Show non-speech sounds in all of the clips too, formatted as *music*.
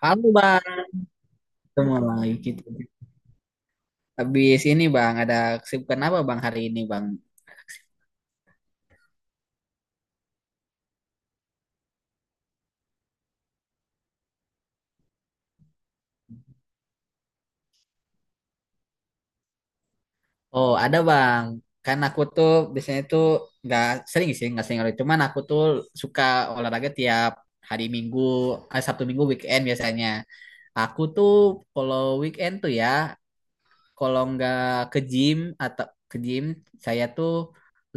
Halo Bang, ketemu lagi kita. Habis ini Bang, ada kesibukan apa Bang hari ini Bang? Oh ada Bang, kan aku tuh biasanya tuh nggak sering sih, nggak sering olahraga. Cuman aku tuh suka olahraga tiap hari Minggu, eh, Sabtu Minggu weekend biasanya. Aku tuh kalau weekend tuh ya, kalau nggak ke gym atau ke gym saya tuh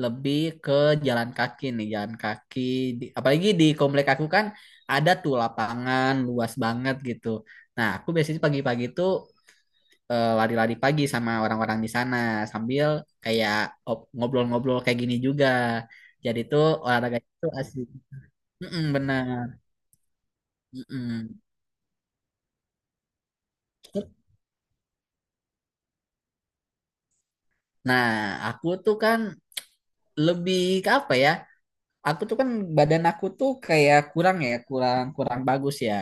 lebih ke jalan kaki nih jalan kaki. Apalagi di komplek aku kan ada tuh lapangan luas banget gitu. Nah, aku biasanya pagi-pagi tuh lari-lari pagi sama orang-orang di sana sambil kayak ngobrol-ngobrol kayak gini juga. Jadi tuh olahraga itu asik. Mm-mm, benar. Mm-mm. Nah, aku tuh kan lebih ke apa ya? Aku tuh kan badan aku tuh kayak kurang ya kurang kurang bagus ya,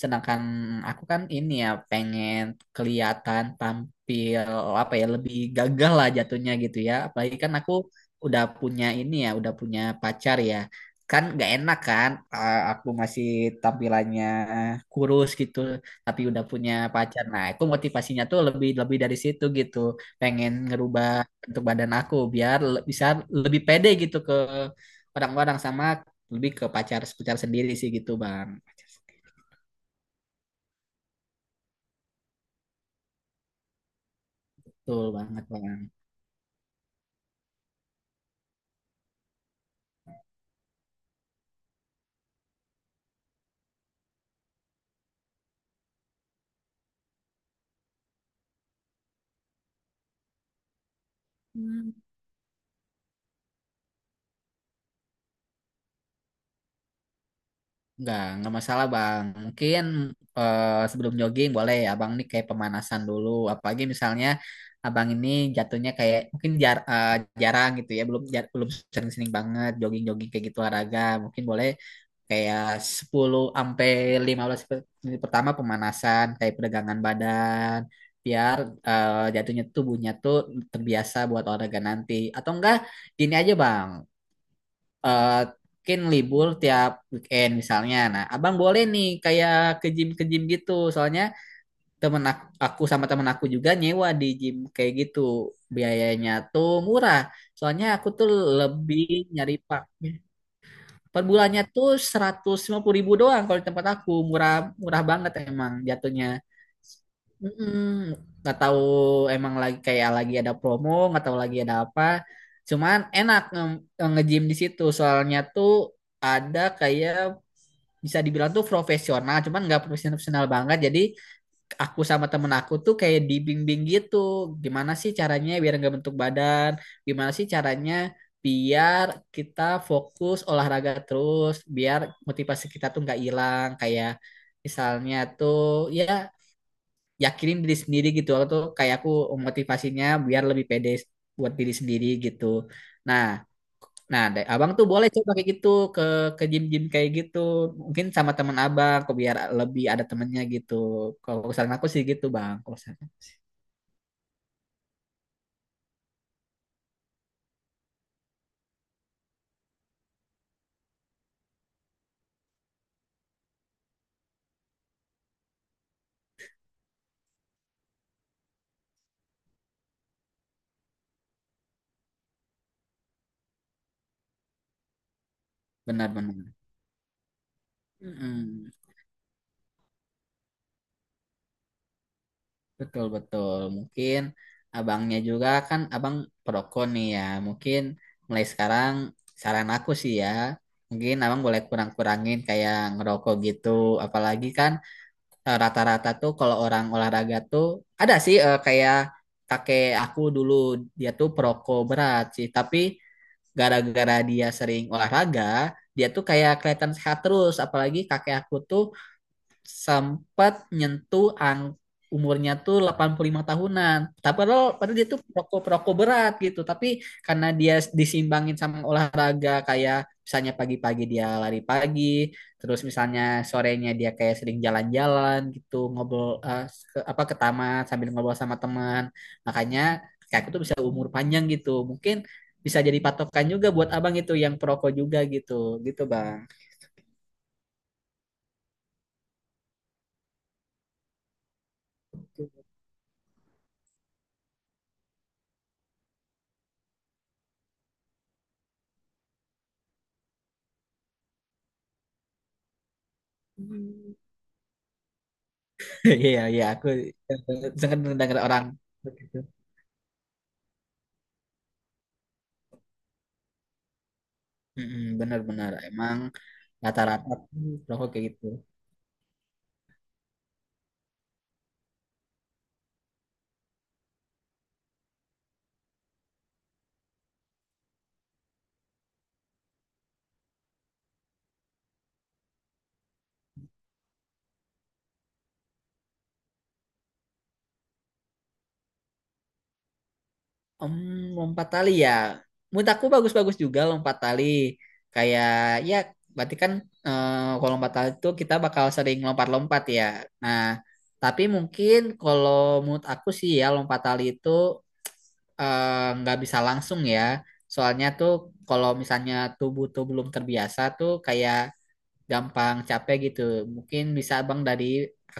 sedangkan aku kan ini ya pengen kelihatan tampil apa ya lebih gagah lah jatuhnya gitu ya, apalagi kan aku udah punya ini ya udah punya pacar ya, kan gak enak kan aku masih tampilannya kurus gitu tapi udah punya pacar. Nah, itu motivasinya tuh lebih lebih dari situ gitu, pengen ngerubah bentuk badan aku biar bisa lebih pede gitu ke orang-orang sama lebih ke pacar pacar sendiri sih gitu bang. Betul banget bang. Hmm. Nggak masalah bang. Mungkin sebelum jogging boleh abang ini kayak pemanasan dulu. Apalagi misalnya abang ini jatuhnya kayak mungkin jarang gitu ya, belum belum sering-sering banget jogging-jogging kayak gitu olahraga. Mungkin boleh kayak 10 sampai 15 menit pertama pemanasan, kayak peregangan badan, biar jatuhnya tubuhnya tuh terbiasa buat olahraga nanti. Atau enggak, gini aja bang, eh, mungkin libur tiap weekend misalnya. Nah, abang boleh nih kayak ke gym gitu. Soalnya aku, sama temen aku juga nyewa di gym kayak gitu. Biayanya tuh murah. Soalnya aku tuh lebih nyari pak. Per bulannya tuh 150.000 ribu doang kalau di tempat aku. Murah, murah banget emang jatuhnya. Mm-mm. Nggak tahu emang lagi kayak lagi ada promo, nggak tahu lagi ada apa. Cuman enak nge-gym di situ. Soalnya tuh ada kayak bisa dibilang tuh profesional, cuman nggak profesional banget. Jadi aku sama temen aku tuh kayak dibimbing gitu. Gimana sih caranya biar nggak bentuk badan? Gimana sih caranya biar kita fokus olahraga terus, biar motivasi kita tuh nggak hilang. Kayak misalnya tuh ya yakinin diri sendiri gitu. Aku tuh kayak aku motivasinya biar lebih pede buat diri sendiri gitu. Nah, Nah, abang tuh boleh coba kayak gitu ke ke gym-gym kayak gitu. Mungkin sama teman abang, kok biar lebih ada temennya gitu. Kalau saran aku sih gitu, bang. Benar-benar. Mm-mm. Betul betul. Mungkin abangnya juga kan abang perokok nih ya. Mungkin mulai sekarang saran aku sih ya. Mungkin abang boleh kurang-kurangin kayak ngerokok gitu. Apalagi kan rata-rata tuh kalau orang olahraga tuh ada sih kayak kakek aku dulu dia tuh perokok berat sih tapi gara-gara dia sering olahraga dia tuh kayak kelihatan sehat terus. Apalagi kakek aku tuh sempat nyentuh umurnya tuh 85 tahunan. Tapi padahal, padahal dia tuh perokok-perokok berat gitu. Tapi karena dia disimbangin sama olahraga kayak misalnya pagi-pagi dia lari pagi, terus misalnya sorenya dia kayak sering jalan-jalan gitu, ngobrol apa ke taman sambil ngobrol sama teman. Makanya kayak aku tuh bisa umur panjang gitu. Mungkin bisa jadi patokan juga buat abang itu yang perokok juga gitu. Gitu, Bang. Hmm. *laughs* Iya, iya, aku sangat mendengar orang begitu. Benar-benar emang rata-rata tuh perokok kayak gitu. Em, Lompat tali ya. Menurut aku bagus-bagus juga lompat tali. Kayak ya berarti kan eh, kalau lompat tali itu kita bakal sering lompat-lompat ya. Nah, tapi mungkin kalau menurut aku sih ya lompat tali itu nggak bisa langsung ya. Soalnya tuh kalau misalnya tubuh tuh belum terbiasa tuh kayak gampang capek gitu. Mungkin bisa abang dari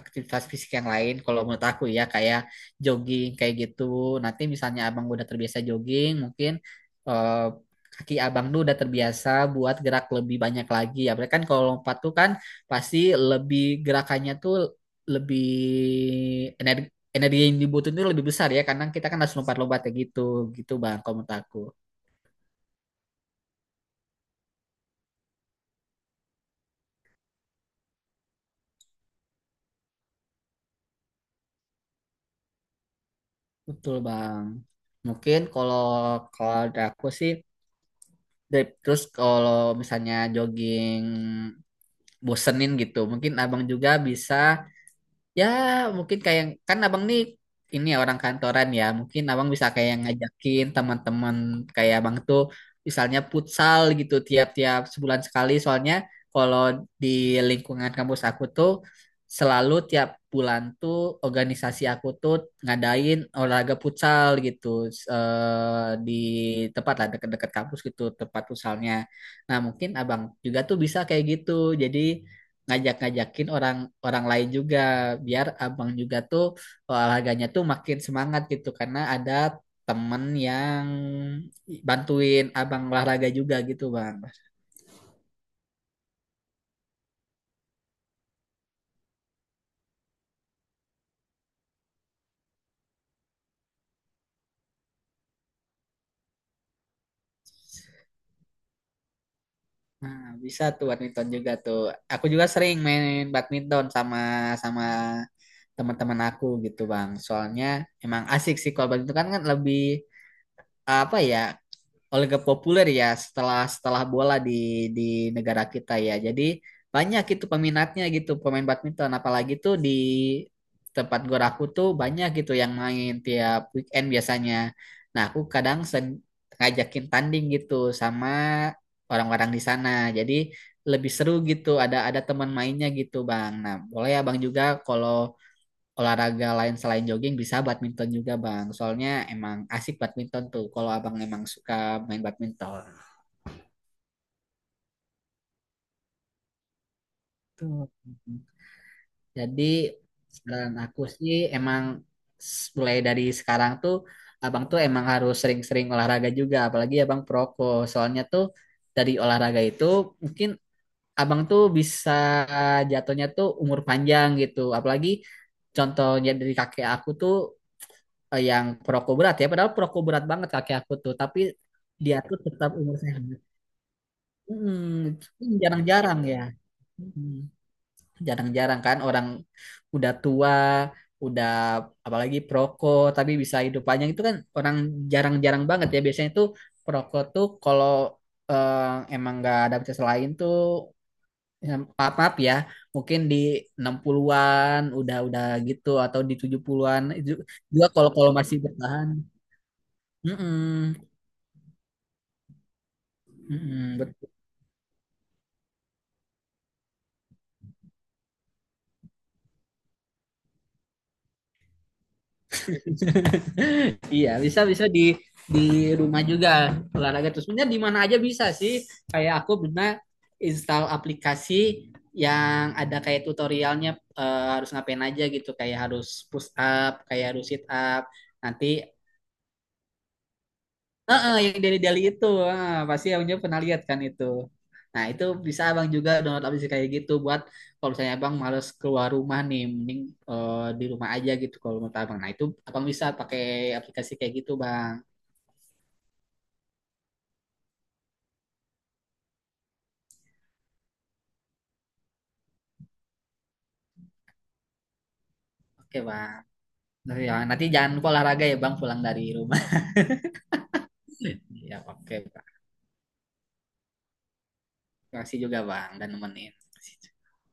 aktivitas fisik yang lain kalau menurut aku ya kayak jogging kayak gitu. Nanti misalnya abang udah terbiasa jogging, mungkin eh, kaki abang tuh udah terbiasa buat gerak lebih banyak lagi. Ya, berarti kan kalau lompat tuh kan pasti lebih gerakannya tuh lebih energi energi yang dibutuhin tuh lebih besar ya karena kita kan harus lompat-lompat kayak gitu gitu bang kalau menurut aku. Betul bang. Mungkin kalau kalau dari aku sih. Terus kalau misalnya jogging bosenin gitu, mungkin abang juga bisa. Ya, mungkin kayak kan abang nih ini ya orang kantoran ya. Mungkin abang bisa kayak ngajakin teman-teman kayak abang tuh misalnya futsal gitu tiap-tiap sebulan sekali. Soalnya kalau di lingkungan kampus aku tuh selalu tiap bulan tuh organisasi aku tuh ngadain olahraga futsal gitu di tempat lah dekat-dekat kampus gitu tempat futsalnya. Nah, mungkin abang juga tuh bisa kayak gitu. Jadi ngajak-ngajakin orang orang lain juga biar abang juga tuh olahraganya tuh makin semangat gitu karena ada temen yang bantuin abang olahraga juga gitu bang. Nah, bisa tuh badminton juga tuh. Aku juga sering main badminton sama sama teman-teman aku gitu bang. Soalnya emang asik sih kalau badminton kan, kan lebih apa ya olahraga populer ya setelah setelah bola di negara kita ya. Jadi banyak itu peminatnya gitu pemain badminton apalagi tuh di tempat gor aku tuh banyak gitu yang main tiap weekend biasanya. Nah, aku kadang ngajakin tanding gitu sama orang-orang di sana. Jadi lebih seru gitu ada teman mainnya gitu, Bang. Nah, boleh ya Bang juga kalau olahraga lain selain jogging bisa badminton juga bang soalnya emang asik badminton tuh kalau abang emang suka main badminton tuh. Jadi saran aku sih emang mulai dari sekarang tuh abang tuh emang harus sering-sering olahraga juga apalagi abang soalnya tuh dari olahraga itu mungkin abang tuh bisa jatuhnya tuh umur panjang gitu apalagi contohnya dari kakek aku tuh yang perokok berat ya padahal perokok berat banget kakek aku tuh tapi dia tuh tetap umur sehat. Mm, ini jarang-jarang ya. Mm, Jarang-jarang kan orang udah tua udah apalagi perokok tapi bisa hidup panjang itu kan orang jarang-jarang banget ya biasanya tuh perokok tuh kalau eh, emang nggak ada bisa lain tuh ya, maaf, maaf ya mungkin di 60-an udah gitu atau di 70-an itu juga kalau kalau masih bertahan. Mm-mm, mm-mm, *laughs* Iya, bisa bisa di rumah juga olahraga terus. Sebenarnya di mana aja bisa sih. Kayak aku pernah install aplikasi yang ada kayak tutorialnya harus ngapain aja gitu. Kayak harus push up, kayak harus sit up. Nanti heeh, yang dari Dali itu, ah, pasti abangnya pernah lihat kan itu. Nah, itu bisa abang juga download aplikasi kayak gitu buat kalau misalnya abang males keluar rumah nih, mending di rumah aja gitu kalau menurut abang. Nah, itu abang bisa pakai aplikasi kayak gitu bang. Oke bang. Nah, ya, nanti jangan lupa olahraga ya bang pulang dari rumah. *laughs* Ya oke bang. Terima kasih juga bang dan nemenin.